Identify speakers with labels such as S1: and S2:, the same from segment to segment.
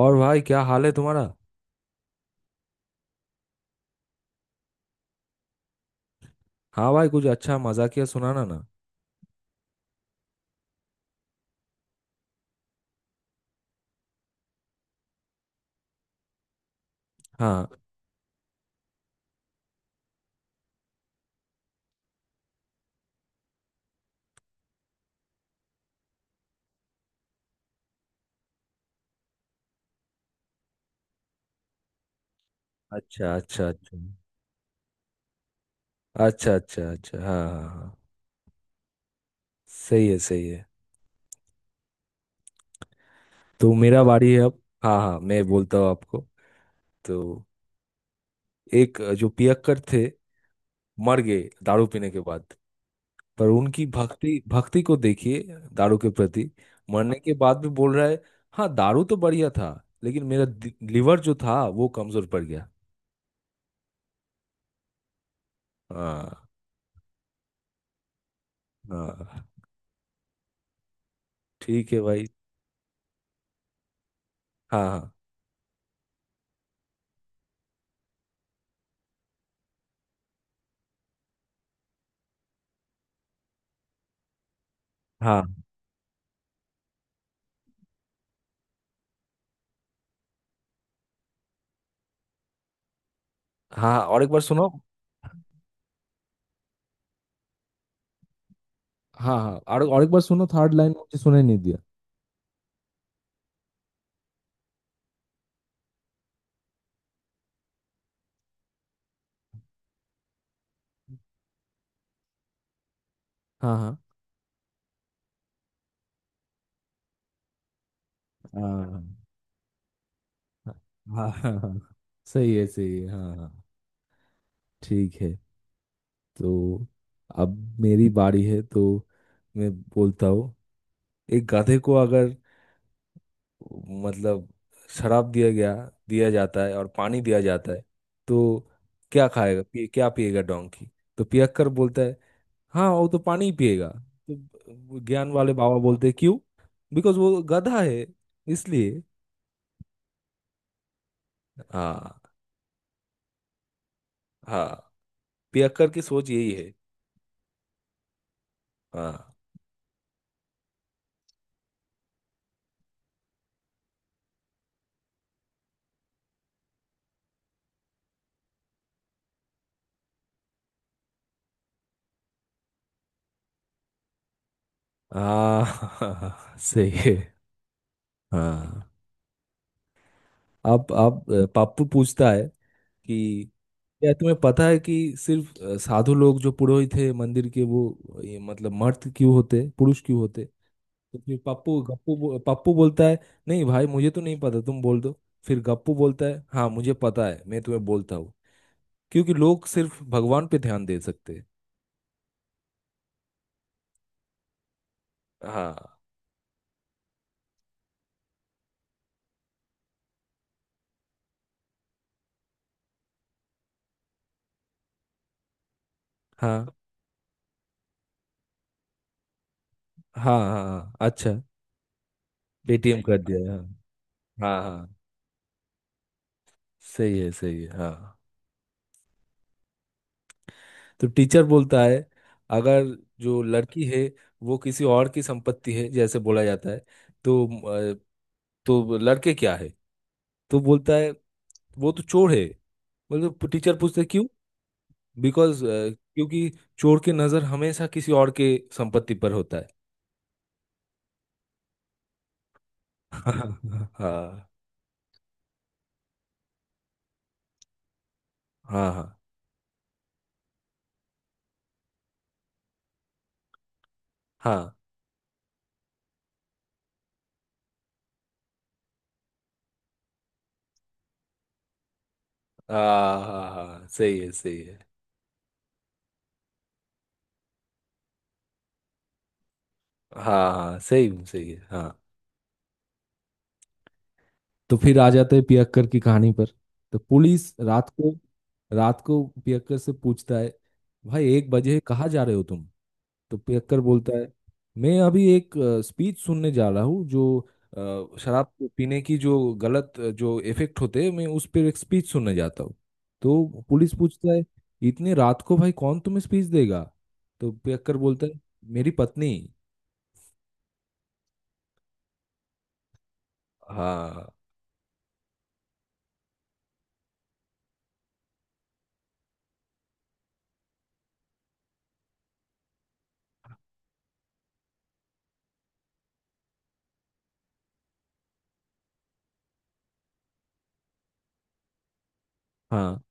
S1: और भाई क्या हाल है तुम्हारा। हाँ भाई कुछ अच्छा मजाकिया सुनाना ना। हाँ। अच्छा अच्छा अच्छा। अच्छा अच्छा अच्छा हाँ हाँ हाँ। सही है सही है। तो मेरा बारी है अब। हाँ हाँ मैं बोलता हूँ आपको। तो एक जो पियक्कर थे मर गए दारू पीने के बाद। पर उनकी भक्ति भक्ति को देखिए दारू के प्रति। मरने के बाद भी बोल रहा है हाँ दारू तो बढ़िया था लेकिन मेरा लिवर जो था वो कमजोर पड़ गया। हाँ। हाँ ठीक है भाई। हाँ हाँ हाँ। हाँ हाँ, और एक बार सुनो। हाँ हाँ और एक बार सुनो। थर्ड लाइन मुझे सुनाई नहीं दिया। हाँ हाँ। हाँ हाँ हाँ हाँ, सही है हाँ हाँ ठीक है। तो अब मेरी बारी है तो मैं बोलता हूँ। एक गधे को अगर मतलब शराब दिया गया दिया जाता है और पानी दिया जाता है। तो क्या पिएगा डोंकी। तो पियक्कर बोलता है हाँ वो तो पानी ही पिएगा। तो वो ज्ञान वाले बाबा बोलते क्यों। बिकॉज वो गधा है इसलिए। हाँ। हाँ पियक्कर की सोच यही है। हाँ। हाँ सही है। हाँ। अब पप्पू पूछता है कि क्या तुम्हें पता है कि सिर्फ साधु लोग जो पुरोहित थे मंदिर के वो ये मतलब मर्द क्यों होते पुरुष क्यों होते। तो फिर पप्पू बोलता है नहीं भाई मुझे तो नहीं पता तुम बोल दो। फिर गप्पू बोलता है हाँ मुझे पता है मैं तुम्हें बोलता हूँ क्योंकि लोग सिर्फ भगवान पे ध्यान दे सकते हैं। हाँ हाँ। हाँ हाँ हाँ, अच्छा। पेटीएम कर दिया है। हाँ हाँ हाँ। सही है हाँ। तो टीचर बोलता है अगर जो लड़की है वो किसी और की संपत्ति है जैसे बोला जाता है तो तो लड़के क्या है। तो बोलता है वो तो चोर है। बोलते टीचर पूछते क्यों। बिकॉज क्योंकि चोर की नजर हमेशा किसी और के संपत्ति पर होता है। हाँ। हाँ हाँ हाँ हाँ हाँ हाँ, सही है सही है। हाँ हाँ सही सही है हाँ। तो फिर आ जाते हैं पियक्कर की कहानी पर। तो पुलिस रात को पियक्कर से पूछता है भाई 1 बजे कहाँ जा रहे हो तुम। तो पियक्कर बोलता है मैं अभी एक स्पीच सुनने जा रहा हूँ जो शराब पीने की जो गलत जो इफेक्ट होते हैं मैं उस पर एक स्पीच सुनने जाता हूँ। तो पुलिस पूछता है इतने रात को भाई कौन तुम्हें स्पीच देगा। तो पियक्कर बोलता है मेरी पत्नी। हाँ हाँ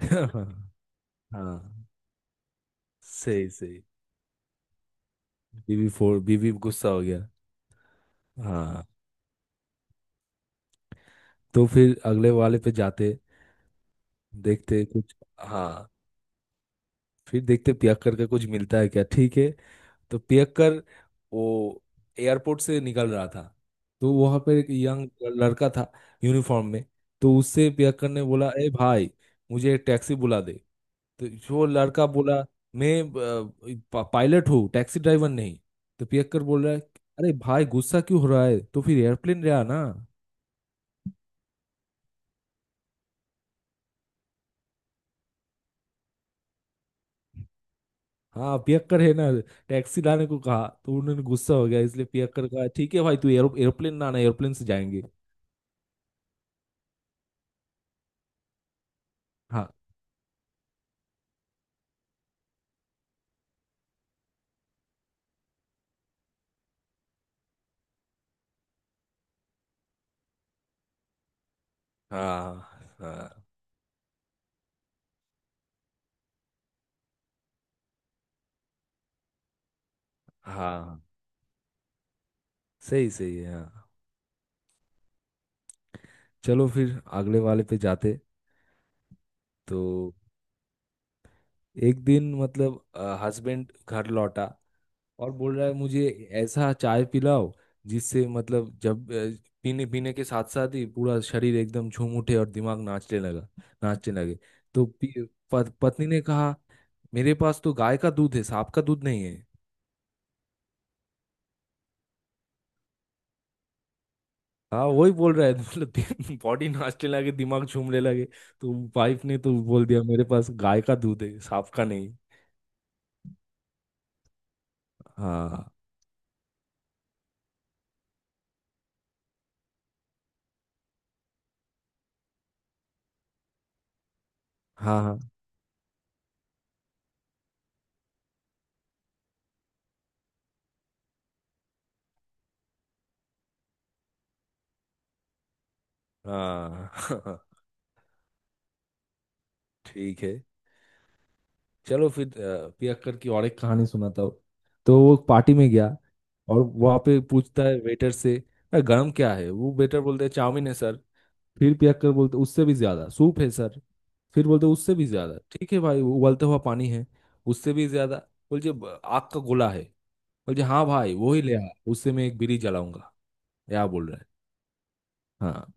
S1: हाँ। सही सही। बीवी गुस्सा हो गया। हाँ। तो फिर अगले वाले पे जाते देखते कुछ। हाँ फिर देखते पियक्कर का कुछ मिलता है क्या ठीक है। तो पियक्कर वो एयरपोर्ट से निकल रहा था। तो वहां पर एक यंग लड़का था यूनिफॉर्म में। तो उससे पियक्कर ने बोला ए भाई मुझे एक टैक्सी बुला दे। तो जो लड़का बोला मैं पायलट हूँ टैक्सी ड्राइवर नहीं। तो पियक्कर बोल रहा है अरे भाई गुस्सा क्यों हो रहा है तो फिर एयरप्लेन रहा ना। हाँ पियक्कर है ना टैक्सी लाने को कहा तो उन्होंने गुस्सा हो गया इसलिए पियक्कर कहा ठीक है भाई तू एरोप्लेन ना आना एरोप्लेन से जाएंगे। हाँ हाँ हाँ हाँ सही सही है हाँ। चलो फिर अगले वाले पे जाते। तो एक दिन मतलब हस्बैंड घर लौटा और बोल रहा है मुझे ऐसा चाय पिलाओ जिससे मतलब जब पीने पीने के साथ साथ ही पूरा शरीर एकदम झूम उठे और दिमाग नाचने लगे। तो पत्नी ने कहा मेरे पास तो गाय का दूध है सांप का दूध नहीं है। हाँ वही बोल रहा है मतलब बॉडी नाचने लगे दिमाग झूमने लगे। तो वाइफ ने तो बोल दिया मेरे पास गाय का दूध है सांप का नहीं। हाँ हाँ हाँ हाँ ठीक है। चलो फिर पियक्कर की और एक कहानी सुनाता हूँ। तो वो पार्टी में गया और वहाँ पे पूछता है वेटर से गरम क्या है। वो वेटर बोलते हैं चाउमीन है सर। फिर पियक्कर बोलते उससे भी ज्यादा। सूप है सर। फिर बोलते उससे भी ज्यादा ठीक है भाई वो उबलता हुआ पानी है। उससे भी ज्यादा। बोलते आग का गोला है। बोलते हाँ भाई वो ही ले आ उससे मैं एक बीड़ी जलाऊंगा। क्या बोल रहा है। हाँ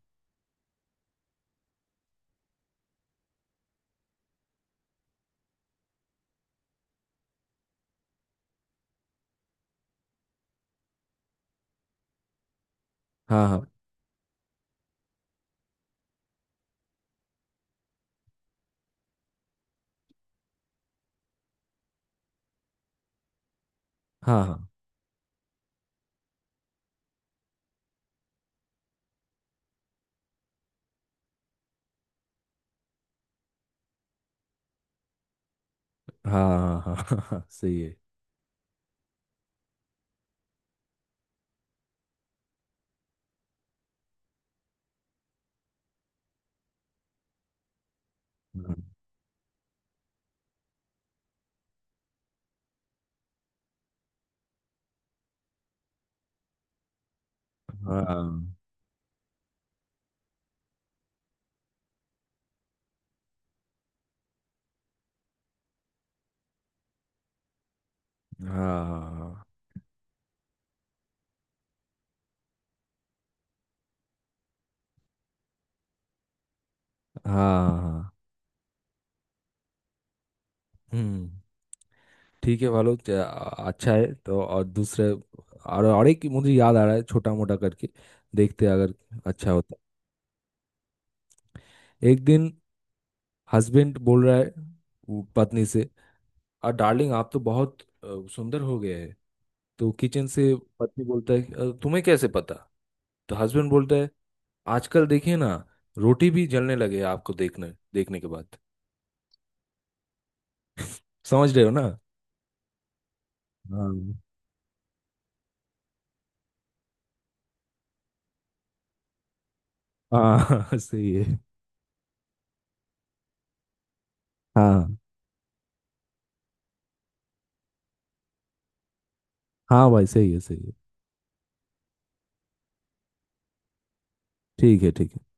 S1: हाँ हाँ हाँ हाँ हाँ हाँ हाँ हाँ, सही है हाँ हाँ हाँ हाँ हाँ हाँ, हम्म ठीक है अच्छा है। तो और दूसरे और एक मुझे याद आ रहा है छोटा मोटा करके देखते हैं अगर अच्छा होता है। एक दिन हस्बैंड बोल रहा है वो पत्नी से और डार्लिंग आप तो बहुत सुंदर हो गए हैं। तो किचन से पत्नी बोलता है तुम्हें कैसे पता। तो हस्बैंड बोलता है आजकल देखिए ना रोटी भी जलने लगे हैं आपको देखने देखने के बाद। समझ रहे हो ना। हाँ हाँ सही है। हाँ हाँ भाई सही है ठीक है ठीक है।